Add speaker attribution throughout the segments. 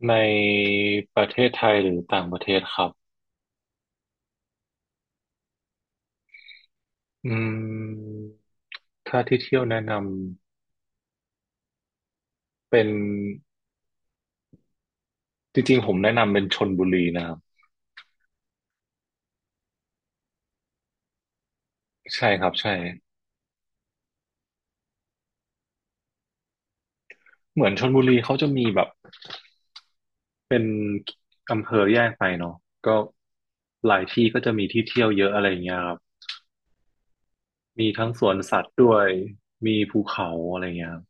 Speaker 1: ในประเทศไทยหรือต่างประเทศครับอืมถ้าที่เที่ยวแนะนำเป็นจริงๆผมแนะนำเป็นชลบุรีนะครับใช่ครับใช่เหมือนชลบุรีเขาจะมีแบบเป็นอำเภอแยกไปเนาะก็หลายที่ก็จะมีที่เที่ยวเยอะอะไรอย่างเงี้ยครับมีทั้งสวนสัตว์ด้วยมีภูเขาอะไรเงี้ยครับ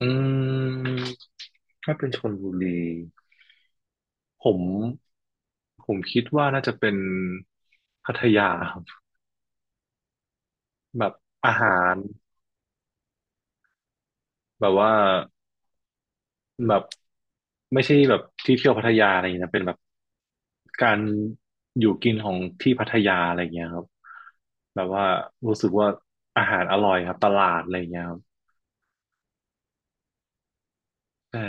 Speaker 1: อืมถ้าเป็นชลบุรีผมผมคิดว่าน่าจะเป็นพัทยา แบบอาหารแบบว่าแบบไม่ใช่แบบที่เที่ยวพัทยาอะไรอย่างเงี้ยนะเป็นแบบการอยู่กินของที่พัทยาอะไรอย่างเงี้ยครับแบบว่ารู้สึกว่าอาหารอร่อยครับตลาดอะไรอย่างเงี้ยครับใช่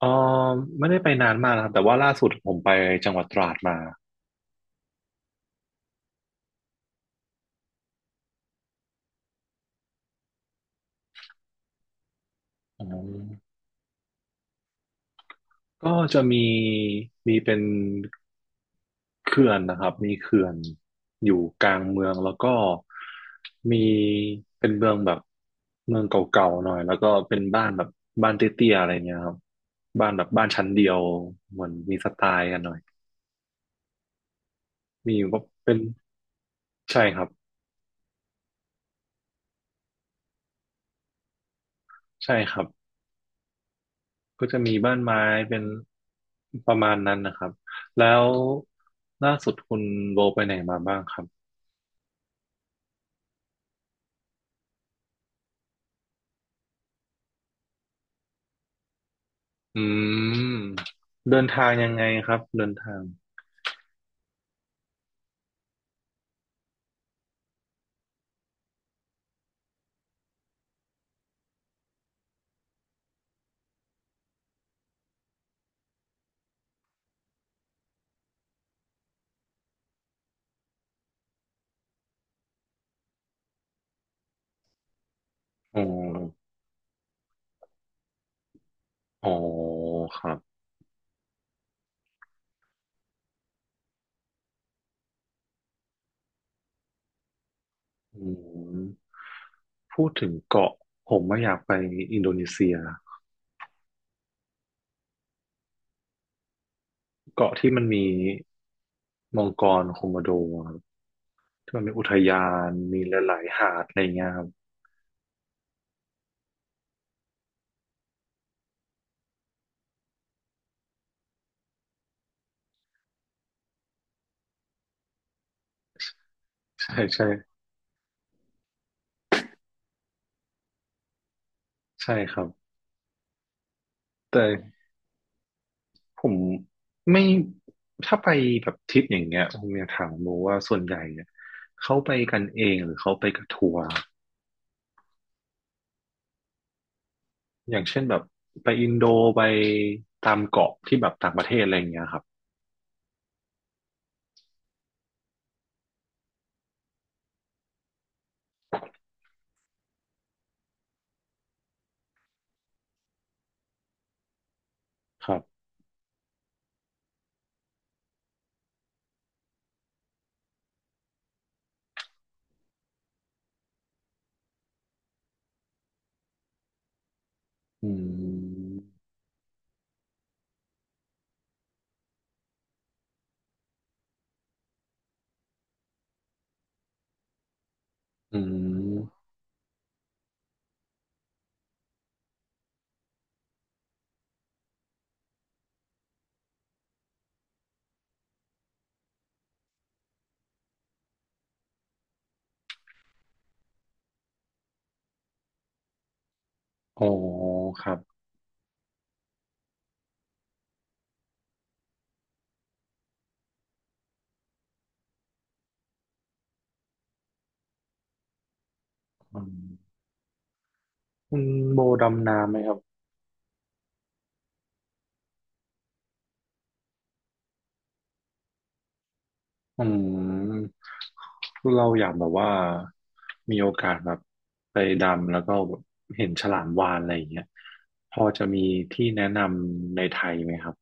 Speaker 1: เออไม่ได้ไปนานมากนะครับแต่ว่าล่าสุดผมไปจังหวัดตราดมาอืม ก็จะมีเป็นเขื่อนนะครับมีเขื่อนอยู่กลางเมืองแล้วก็มีเป็นเมืองแบบเมืองเก่าๆหน่อยแล้วก็เป็นบ้านแบบบ้านเตี้ยๆอะไรเงี้ยครับบ้านแบบบ้านชั้นเดียวเหมือนมีสไตล์กันหน่อยมีก็เป็นใช่ครับใช่ครับก็จะมีบ้านไม้เป็นประมาณนั้นนะครับแล้วล่าสุดคุณโบไปไหนมาบ้างครับ อืมเดินทางยังไงครับเดินทางอ๋ออ๋อครับอืมพูดถึงเกาะผมไม่อยากไปอินโดนีเซียเกาะที่มันมีมังกรโคโมโดครับที่มันมีอุทยานมีหลายๆหาดอะไรเงี้ยครับใช่ใช่ครับแต่ผมไม่ถ้าไปแบบทริปอย่างเงี้ยผมอยากถามโมว่าส่วนใหญ่เนี่ยเขาไปกันเองหรือเขาไปกับทัวร์ อย่างเช่นแบบไปอินโดไปตามเกาะที่แบบต่างประเทศอะไรอย่างเงี้ยครับครับอืมอืมอ๋อครับอืมคุณโบดำน้ำไหมครับอืมคือเราอยากแบบว่ามีโอกาสแบบไปดำแล้วก็เห็นฉลามวาฬอะไรอย่างเงี้ยพอจะมีที่แนะนำในไทยไหมครับ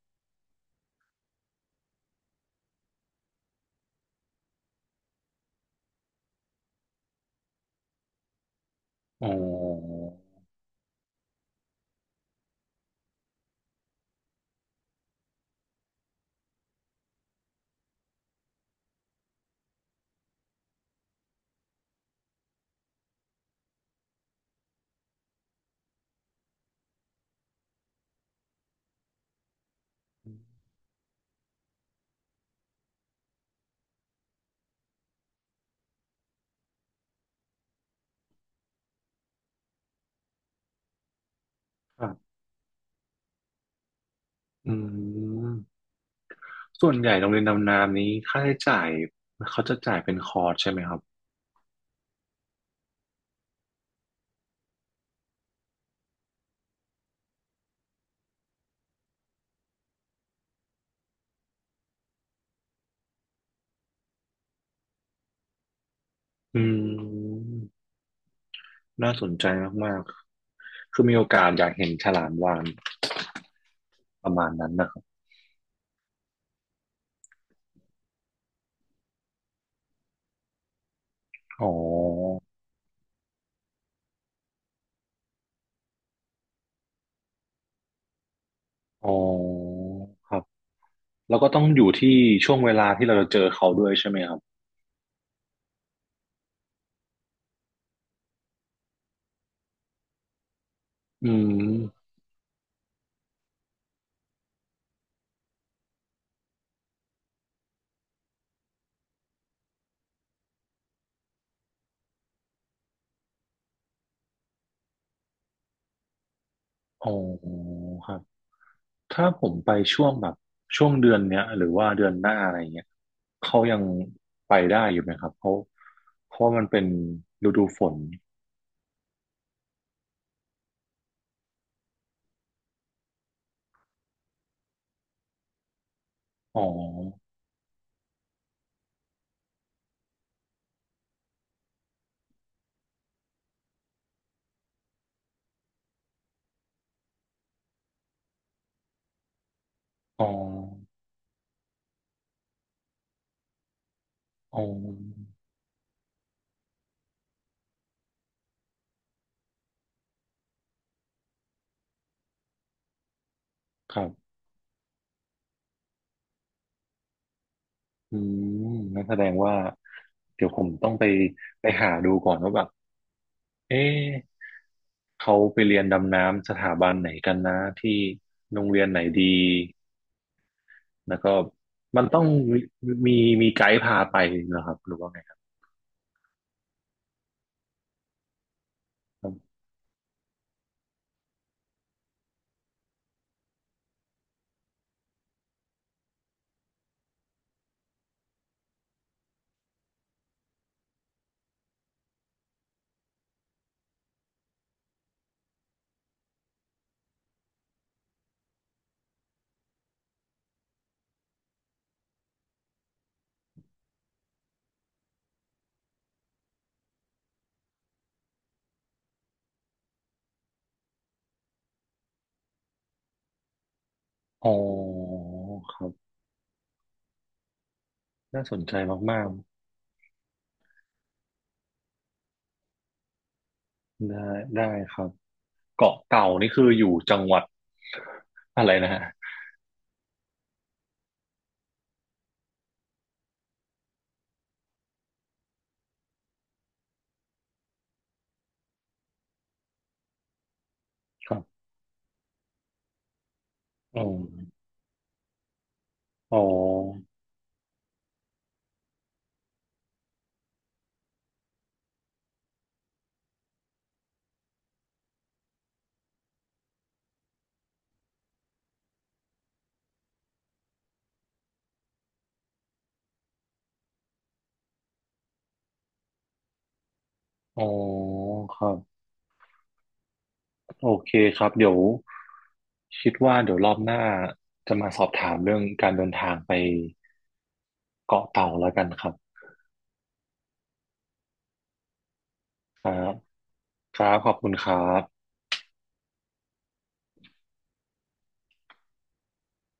Speaker 1: อ๋อครับอืม ส่วนใหญ่โรงเรียนดำน้ำนี้ค่าใช้จ่ายเขาจะจ่ายเป็นคอร์สใช่ไหมครับอืมน่าสนใจมากๆคือมีโอกาสอยากเห็นฉลามวาฬประมาณนั้นนะครับอ๋ออ๋อครับแล้วก็ต้องอยู่ที่ช่วงเวลาที่เราจะเจอเขาด้วยใช่ไหมครับอืมอ๋อครับถ้าผมไปช่วงแบบช่วงเดือนเนี้ยหรือว่าเดือนหน้าอะไรเงี้ยเขายังไปได้อยู่ไหมครับเขาะเพราะว่ามันเป็นฤดูฝนอ๋อ อ๋อ อ๋อครับอืมนั่นแสดงว่าเดี๋ยวผมต้องไปไปหาดูก่อนว่าแบบเอ๊ะ เขาไปเรียนดำน้ำสถาบันไหนกันนะที่โรงเรียนไหนดี แล้วก็มันต้องมีมีไกด์พาไปเหรอครับหรือว่าไงครับ อ๋อครับน่าสนใจมากๆได้ครับเกาะเต่านี่คืออยู่จังหวัดอะไรนะฮะครับอ๋ออ๋ออ๋อครับ โอเคครับเดี๋ยวคิดว่าเดี๋ยวรอบหน้าจะมาสอบถามเรื่องการเดินทางไปเกาะเต่าแล้วกันครับครับครับขอบคุณครับ